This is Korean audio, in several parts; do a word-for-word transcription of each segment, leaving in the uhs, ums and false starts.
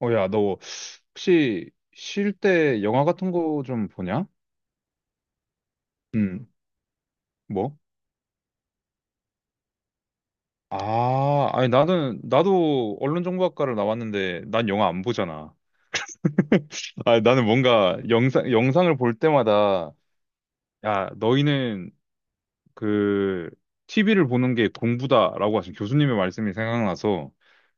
어, 야, 너 혹시 쉴 때 영화 같은 거 좀 보냐? 응. 뭐? 아, 아니 나는 나도 언론정보학과를 나왔는데 난 영화 안 보잖아. 아, 나는 뭔가 영상 영상을 볼 때마다, 야, 너희는 그 티비를 보는 게 공부다라고 하신 교수님의 말씀이 생각나서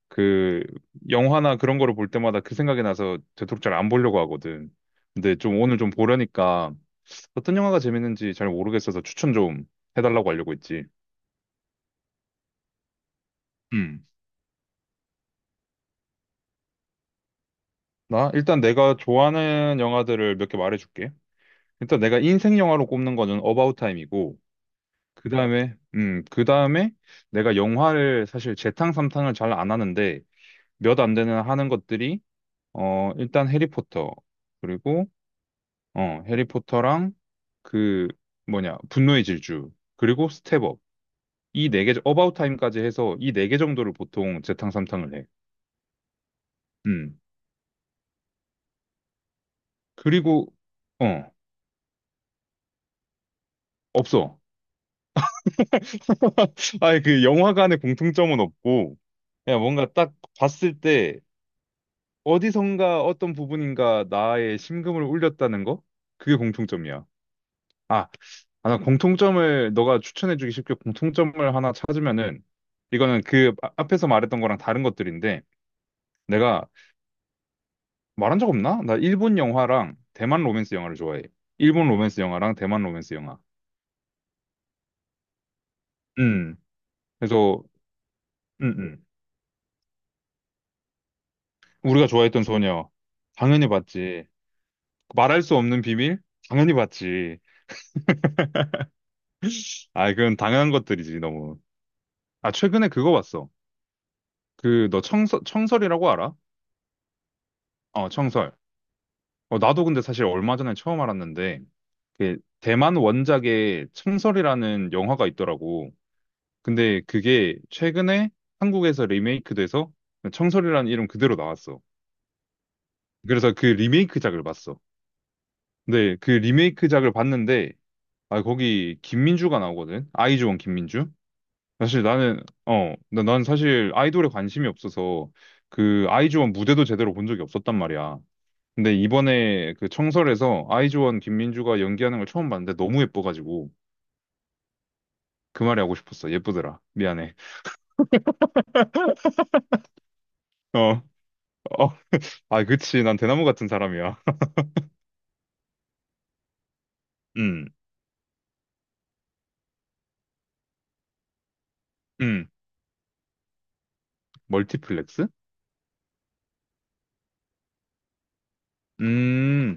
그 영화나 그런 거를 볼 때마다 그 생각이 나서 되도록 잘 안 보려고 하거든. 근데 좀 오늘 좀 보려니까 어떤 영화가 재밌는지 잘 모르겠어서 추천 좀 해달라고 하려고 했지. 음. 나 일단 내가 좋아하는 영화들을 몇 개 말해줄게. 일단 내가 인생 영화로 꼽는 거는 어바웃 타임이고, 그 다음에, 음, 그 다음에 내가 영화를 사실 재탕 삼탕을 잘 안 하는데 몇 안 되는 하는 것들이 어 일단 해리포터 그리고 어 해리포터랑 그 뭐냐 분노의 질주 그리고 스텝업. 이 네 개, 어바웃 타임까지 해서 이 네 개 정도를 보통 재탕 삼탕을 해. 음. 그리고, 어, 없어. 아니, 그 영화관의 공통점은 없고, 그냥 뭔가 딱 봤을 때 어디선가 어떤 부분인가 나의 심금을 울렸다는 거? 그게 공통점이야. 아, 아, 나 공통점을 너가 추천해주기 쉽게 공통점을 하나 찾으면은, 이거는 그 아- 앞에서 말했던 거랑 다른 것들인데, 내가 말한 적 없나? 나 일본 영화랑 대만 로맨스 영화를 좋아해. 일본 로맨스 영화랑 대만 로맨스 영화. 음. 그래서 응응 우리가 좋아했던 소녀. 당연히 봤지. 말할 수 없는 비밀? 당연히 봤지. 아, 그건 당연한 것들이지, 너무. 아, 최근에 그거 봤어. 그, 너 청설, 청설이라고 알아? 어, 청설. 어, 나도 근데 사실 얼마 전에 처음 알았는데, 그, 대만 원작의 청설이라는 영화가 있더라고. 근데 그게 최근에 한국에서 리메이크돼서 청설이라는 이름 그대로 나왔어. 그래서 그 리메이크작을 봤어. 근데 그 리메이크작을 봤는데, 아, 거기 김민주가 나오거든. 아이즈원 김민주. 사실 나는 어, 나- 난 사실 아이돌에 관심이 없어서 그 아이즈원 무대도 제대로 본 적이 없었단 말이야. 근데 이번에 그 청설에서 아이즈원 김민주가 연기하는 걸 처음 봤는데 너무 예뻐가지고 그 말이 하고 싶었어. 예쁘더라. 미안해. 어, 어, 아, 그치. 난 대나무 같은 사람이야. 음. 음. 멀티플렉스? 음.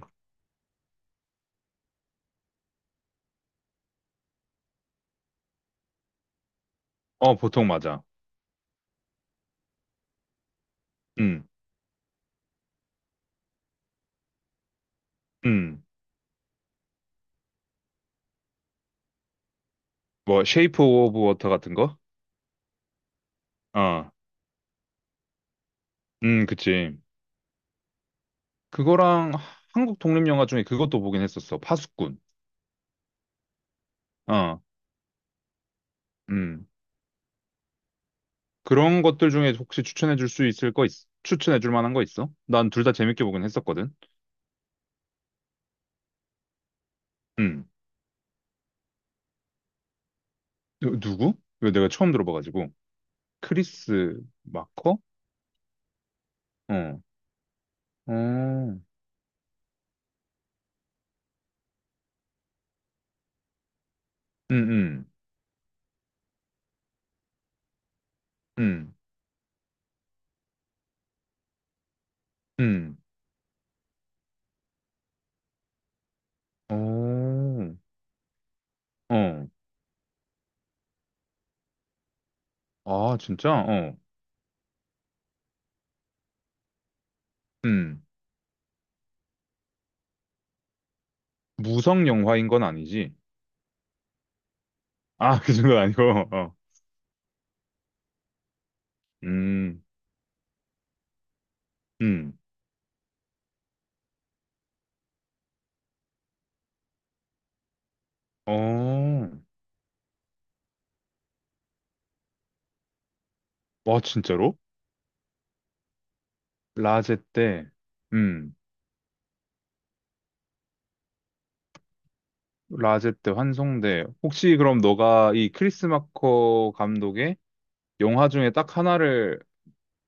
어, 보통 맞아. 음. 음. 뭐 쉐이프 오브 워터 같은 거? 어. 음, 그치. 그거랑 한국 독립 영화 중에 그것도 보긴 했었어. 파수꾼. 어. 음. 그런 것들 중에 혹시 추천해 줄 수 있을 거 있, 추천해 줄 만한 거 있어? 난 둘 다 재밌게 보긴 했었거든. 음. 누, 누구? 이거 내가 처음 들어봐가지고. 크리스 마커? 어. 어. 음. 음. 음. 음. 어. 어. 아, 진짜? 어. 음. 무성 영화인 건 아니지? 아, 그 정도는 아니고. 어. 음. 음. 어. 와, 진짜로? 라제 때, 음, 라제 때 환송대. 혹시 그럼 너가 이 크리스 마커 감독의 영화 중에 딱 하나를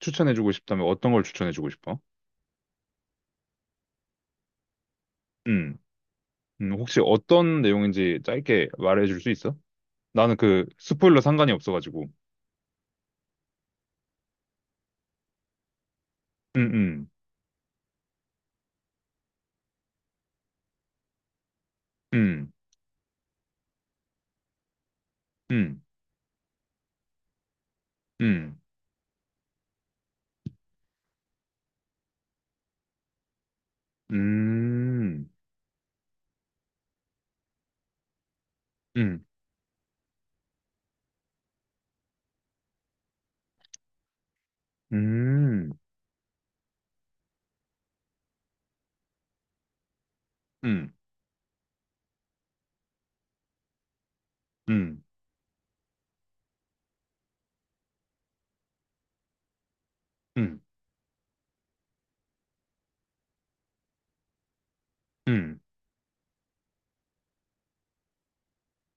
추천해주고 싶다면 어떤 걸 추천해주고 싶어? 음. 음, 혹시 어떤 내용인지 짧게 말해줄 수 있어? 나는 그 스포일러 상관이 없어가지고. 음. 음. 음. 음. 음. 음. 음. 음. 음. 음. 음. 음.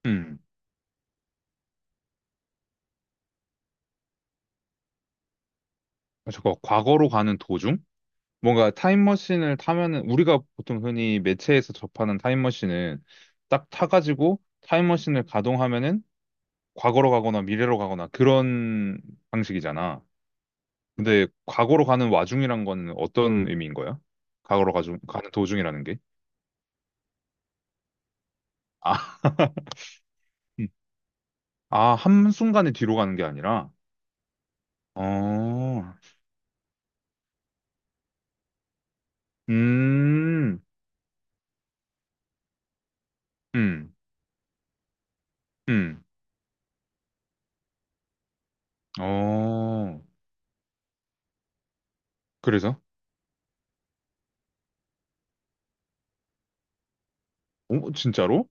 음. 아, 잠깐, 과거로 가는 도중? 뭔가 타임머신을 타면은 우리가 보통 흔히 매체에서 접하는 타임머신은 딱 타가지고 타임머신을 가동하면은 과거로 가거나 미래로 가거나 그런 방식이잖아. 근데 과거로 가는 와중이란 건 어떤 의미인 거야? 과거로 가중, 가는 도중이라는 게? 아. 음. 아, 한순간에 뒤로 가는 게 아니라? 어. 음. 음. 음. 어, 그래서? 오, 진짜로?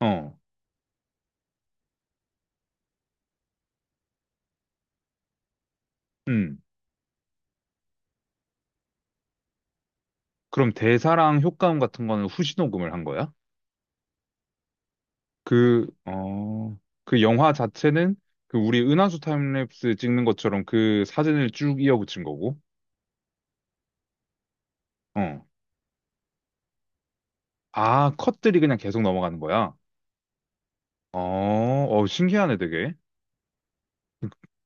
어. 음. 그럼 대사랑 효과음 같은 거는 후시 녹음을 한 거야? 그, 어, 그 영화 자체는 그 우리 은하수 타임랩스 찍는 것처럼 그 사진을 쭉 이어붙인 거고, 어. 아, 컷들이 그냥 계속 넘어가는 거야? 어. 어, 신기하네, 되게.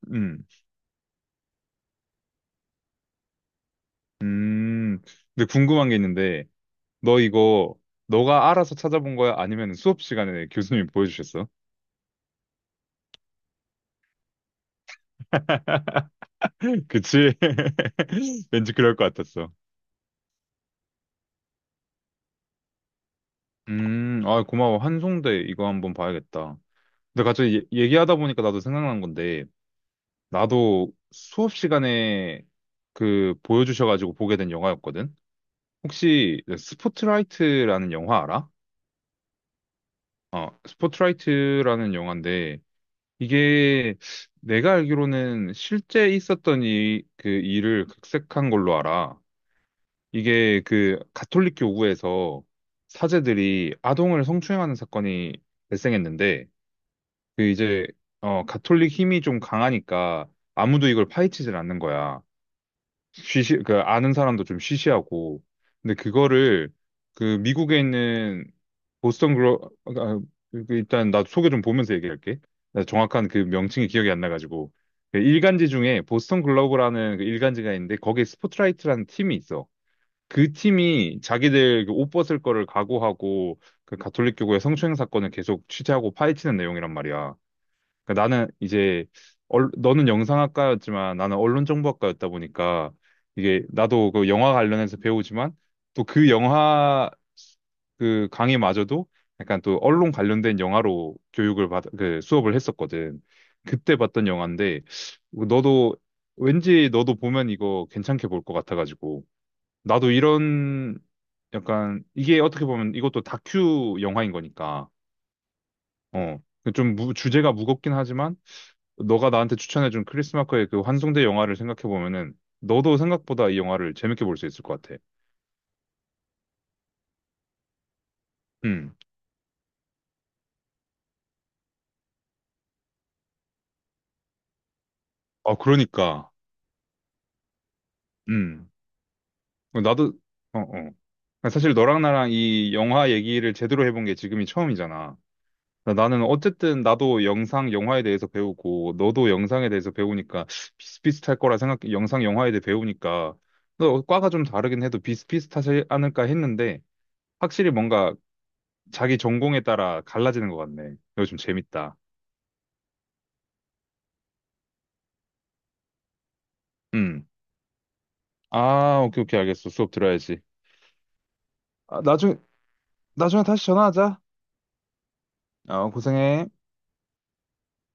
음. 음. 근데 궁금한 게 있는데, 너 이거, 너가 알아서 찾아본 거야? 아니면 수업 시간에 교수님이 보여주셨어? 그치? 왠지 그럴 것 같았어. 음, 아, 고마워. 한송대 이거 한번 봐야겠다. 근데 갑자기 얘- 얘기하다 보니까 나도 생각난 건데, 나도 수업 시간에 그 보여주셔가지고 보게 된 영화였거든? 혹시 그 스포트라이트라는 영화 알아? 어, 스포트라이트라는 영화인데, 이게 내가 알기로는 실제 있었던 이, 그 일을 각색한 걸로 알아. 이게 그 가톨릭 교구에서 사제들이 아동을 성추행하는 사건이 발생했는데, 그 이제 어 가톨릭 힘이 좀 강하니까 아무도 이걸 파헤치질 않는 거야. 쉬시 그 아는 사람도 좀 쉬쉬하고. 근데 그거를 그 미국에 있는 보스턴 글로, 아, 그 일단 나 소개 좀 보면서 얘기할게. 나 정확한 그 명칭이 기억이 안 나가지고. 그 일간지 중에 보스턴 글로브라는 그 일간지가 있는데 거기에 스포트라이트라는 팀이 있어. 그 팀이 자기들 그옷 벗을 거를 각오하고 그 가톨릭 교구의 성추행 사건을 계속 취재하고 파헤치는 내용이란 말이야. 그러니까 나는 이제 얼, 너는 영상학과였지만 나는 언론정보학과였다 보니까 이게 나도 그 영화 관련해서 배우지만 또 그 영화 그 강의마저도 약간 또 언론 관련된 영화로 교육을 받, 그 수업을 했었거든. 그때 봤던 영화인데 너도, 왠지 너도 보면 이거 괜찮게 볼 것 같아가지고, 나도 이런 약간 이게 어떻게 보면 이것도 다큐 영화인 거니까. 어. 좀 무, 주제가 무겁긴 하지만 너가 나한테 추천해준 크리스마커의 그 환송대 영화를 생각해보면은 너도 생각보다 이 영화를 재밌게 볼 수 있을 것 같아. 음. 아, 그러니까. 음. 어, 나도, 어, 어. 사실 너랑 나랑 이 영화 얘기를 제대로 해본 게 지금이 처음이잖아. 나- 나는 어쨌든 나도 영상 영화에 대해서 배우고 너도 영상에 대해서 배우니까 비슷비슷할 거라 생각, 영상 영화에 대해 배우니까 너 과가 좀 다르긴 해도 비슷비슷하지 않을까 했는데 확실히 뭔가 자기 전공에 따라 갈라지는 것 같네. 이거 좀 재밌다. 음. 아, 오케이, 오케이, 알겠어. 수업 들어야지. 아, 나중에, 나중에 다시 전화하자. 어, 고생해.